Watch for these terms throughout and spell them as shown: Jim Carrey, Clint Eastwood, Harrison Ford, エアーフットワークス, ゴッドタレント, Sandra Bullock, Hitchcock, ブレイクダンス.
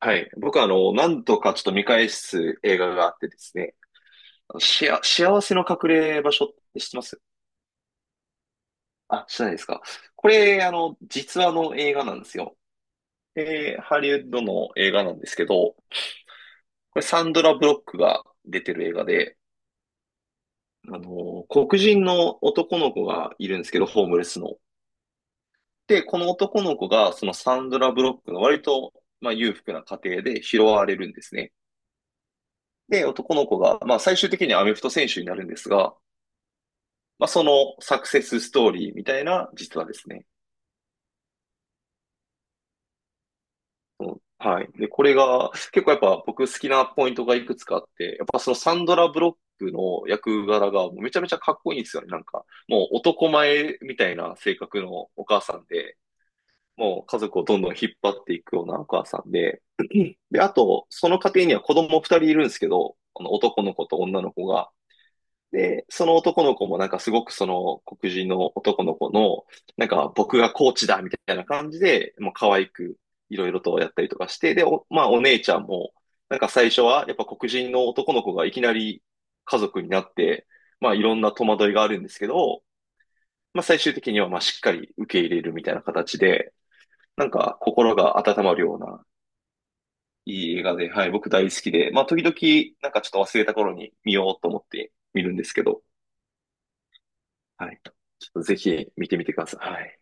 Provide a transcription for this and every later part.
はい。僕は、何度かちょっと見返す映画があってですね、あのしあ、幸せの隠れ場所って知ってます？あ、知らないですか？これ、実話の映画なんですよ。ハリウッドの映画なんですけど、これサンドラ・ブロックが出てる映画で、黒人の男の子がいるんですけど、ホームレスの。で、この男の子が、そのサンドラ・ブロックの割と、まあ、裕福な家庭で拾われるんですね。で、男の子が、まあ、最終的にはアメフト選手になるんですが、まあ、そのサクセスストーリーみたいな実話ですね。うん、はい。で、これが、結構やっぱ僕好きなポイントがいくつかあって、やっぱそのサンドラ・ブロックの役柄がもうめちゃめちゃかっこいいんですよね。なんか、もう男前みたいな性格のお母さんで、もう家族をどんどん引っ張っていくようなお母さんで、で、あと、その家庭には子供二人いるんですけど、あの男の子と女の子が。で、その男の子もなんかすごくその黒人の男の子の、なんか僕がコーチだみたいな感じで、もう可愛くいろいろとやったりとかして、で、まあお姉ちゃんも、なんか最初はやっぱ黒人の男の子がいきなり家族になって、まあいろんな戸惑いがあるんですけど、まあ最終的にはまあしっかり受け入れるみたいな形で、なんか心が温まるような、いい映画で、はい、僕大好きで、まあ時々なんかちょっと忘れた頃に見ようと思って見るんですけど、はい。ちょっとぜひ見てみてください。はい。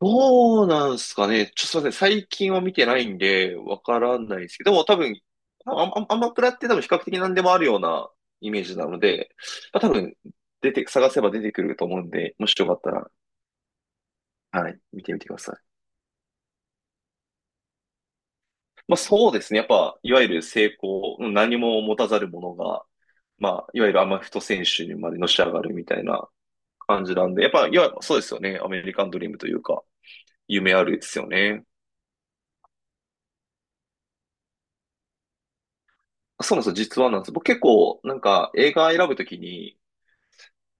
どうなんすかね。ちょっとすいません。最近は見てないんで、わからないですけど、でも多分、アマプラって多分比較的何でもあるようなイメージなので、まあ、多分、探せば出てくると思うんで、もしよかったら、はい、見てみてください。まあそうですね。やっぱ、いわゆる成功、うん、何も持たざるものが、まあ、いわゆるアマフト選手にまでのし上がるみたいな感じなんで、やっぱ、そうですよね。アメリカンドリームというか、夢あるですよね。そうなんですよ、実話なんです。僕結構、なんか映画選ぶときに、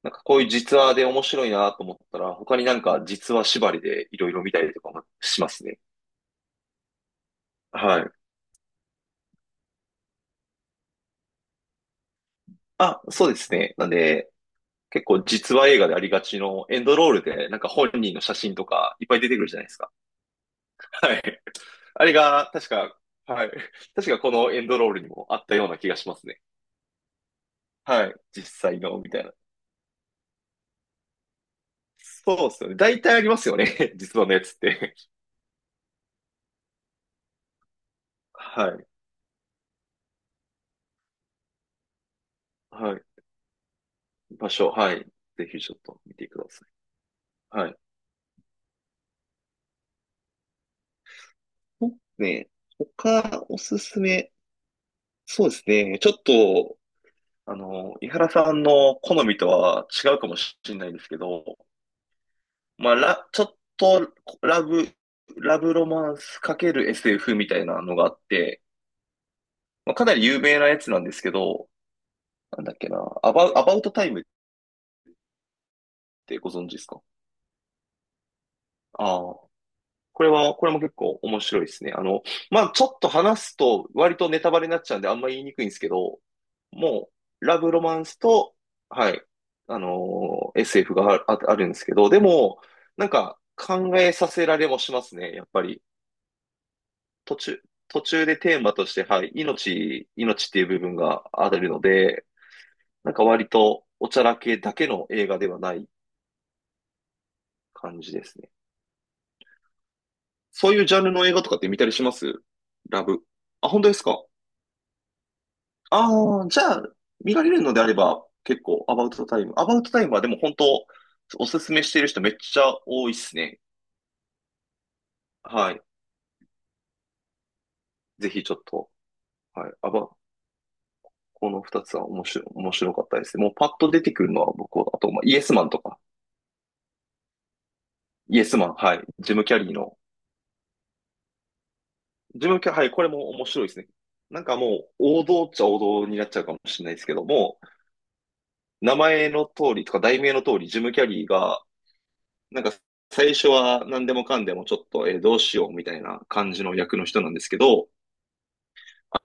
なんかこういう実話で面白いなと思ったら、他になんか実話縛りでいろいろ見たりとかもしますね。はい。あ、そうですね。なんで、結構実話映画でありがちのエンドロールで、なんか本人の写真とかいっぱい出てくるじゃないですか。はい。あれが、確か、はい。確かこのエンドロールにもあったような気がしますね。はい。実際の、みたいな。そうですよね。大体ありますよね。実話のやつって。はい。はい。場所、はい。ぜひちょっと見てください。はい。そうね。他、おすすめ。そうですね。ちょっと、井原さんの好みとは違うかもしれないですけど、まあ、ちょっと、ラブ、ラブロマンス ×SF みたいなのがあって、まあ、かなり有名なやつなんですけど、なんだっけな、アバウトタイムってご存知ですか？ああー、これも結構面白いですね。まあ、ちょっと話すと割とネタバレになっちゃうんであんま言いにくいんですけど、もう、ラブロマンスと、はい、SF があるんですけど、でも、なんか考えさせられもしますね、やっぱり。途中、でテーマとして、はい、命、命っていう部分があるので、なんか割とおちゃらけだけの映画ではない感じですね。そういうジャンルの映画とかって見たりします？ラブ。あ、本当ですか？ああ、じゃあ、見られるのであれば、結構、アバウトタイム。アバウトタイムはでも本当、おすすめしてる人めっちゃ多いっすね。はい。ぜひちょっと、はい。この二つは面白かったですね。もうパッと出てくるのは僕は、あと、まあ、イエスマンとか、イエスマン、はい。ジム・キャリーの、ジム・キャリー、はい、これも面白いですね。なんかもう、王道っちゃ王道になっちゃうかもしれないですけども、名前の通りとか題名の通り、ジム・キャリーが、なんか最初は何でもかんでもちょっと、えーどうしようみたいな感じの役の人なんですけど、あ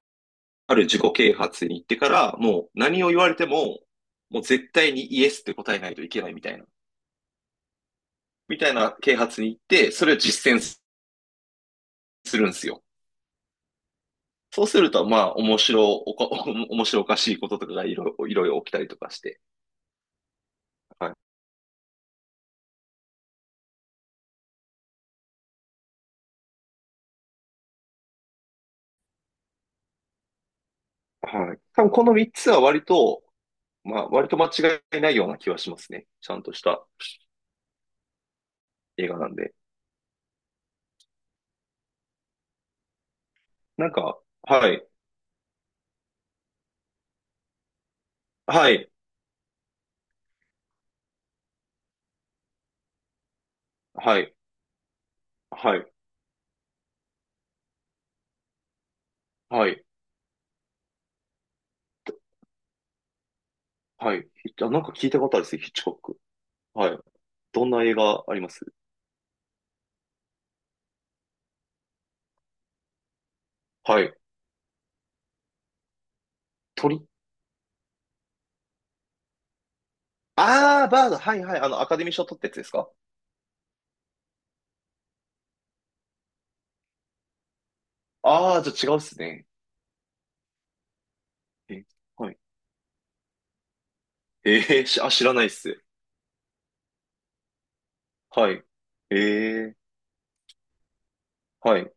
ある自己啓発に行ってからもう何を言われても、もう絶対にイエスって答えないといけないみたいな、啓発に行って、それを実践するんですよ。そうすると、まあ、面白おか、面白おかしいこととかがいろいろ起きたりとかして。はい。はい。多分この3つは割と間違いないような気はしますね。ちゃんとした映画なんで。なんか、はい。はい。はい。はい。はい。はい。ヒッあ、なんか聞いたことあるですね、ヒッチコック。はい。どんな映画あります？はい。鳥、ああ、バード。はいはい。アカデミー賞取ったやつですか？ああー、じゃあ違うっすね。え、はい。えーし、あ、知らないっす。はい。ええ、はい。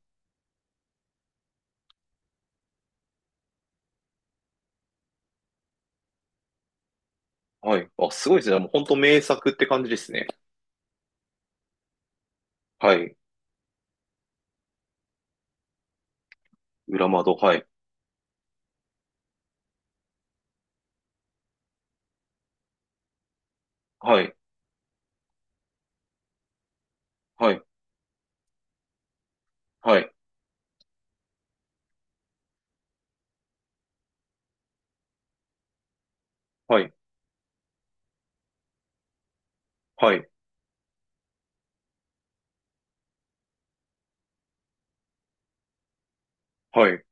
はい。あ、すごいですね。もう本当名作って感じですね。はい。裏窓。はい。はい。はい。はい。はい。はい。はい。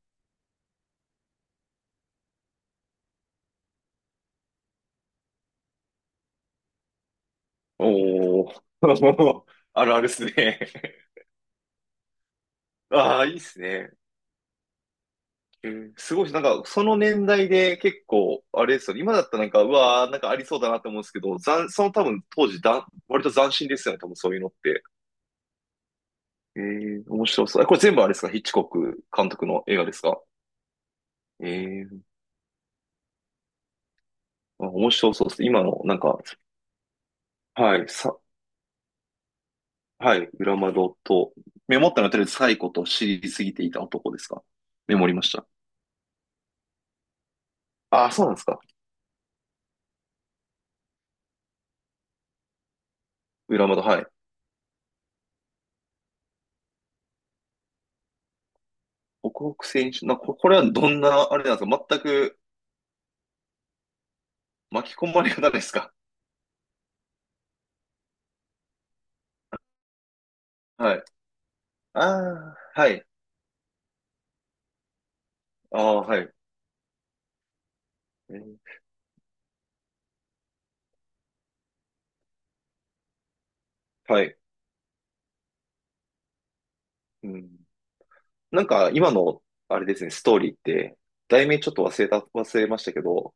おー。あるあるっすね。ああ、いいっすね。すごいし、なんか、その年代で結構、あれですよね。今だったらなんか、うわー、なんかありそうだなって思うんですけど、その多分当時だ、割と斬新ですよね、多分そういうのって。面白そう。これ全部あれですか？ヒッチコック監督の映画ですか？えー、あ、面白そうです。今の、なんか、はい、はい、裏窓と、メモったのやってるサイコと知りすぎていた男ですか？メモりました。ああ、そうなんですか。裏窓、はい。北北選手、これはどんな、あれなんですか、全く？巻き込まれ方ですか？はい。ああ、はい。ああ、はい。えーはい。うん。なんか、今の、あれですね、ストーリーって、題名ちょっと忘れましたけど、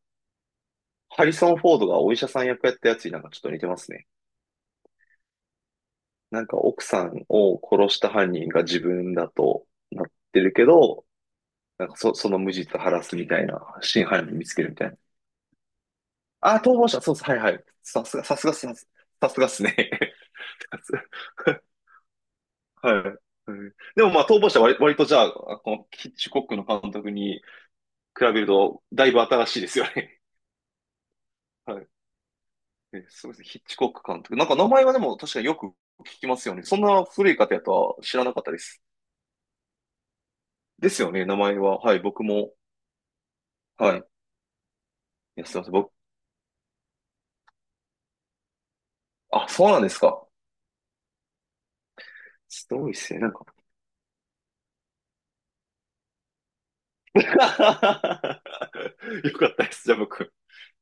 ハリソン・フォードがお医者さん役やったやつになんかちょっと似てますね。なんか、奥さんを殺した犯人が自分だとなってるけど、なんかその無実を晴らすみたいな、真犯人見つけるみたいな。ああ、逃亡者、そうです。はいはい。さすがっすね。はい。うん、でもまあ、逃亡者は割とじゃあ、このヒッチコックの監督に比べると、だいぶ新しいですよね。はい。そうですね。ヒッチコック監督。なんか名前はでも確かによく聞きますよね。そんな古い方やとは知らなかったです。ですよね、名前は。はい、僕も。はい。いや、すいません。あ、そうなんですか。すごいっすね。なんか。よかったです。じゃあ僕、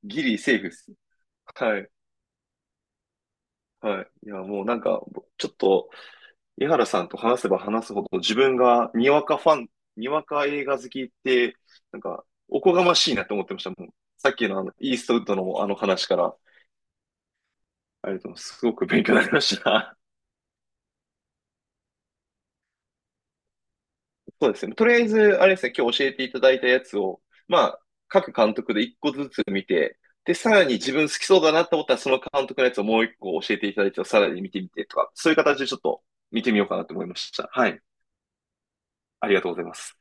ギリセーフです。はい。はい。いや、もうなんか、ちょっと、江原さんと話せば話すほど自分がにわか映画好きって、なんか、おこがましいなって思ってました。もう、さっきのイーストウッドのあの話から、ありがとうございます。すごく勉強になりました。そうですね。とりあえず、あれですね、今日教えていただいたやつを、まあ、各監督で一個ずつ見て、で、さらに自分好きそうだなと思ったら、その監督のやつをもう一個教えていただいて、さらに見てみてとか、そういう形でちょっと見てみようかなと思いました。はい。ありがとうございます。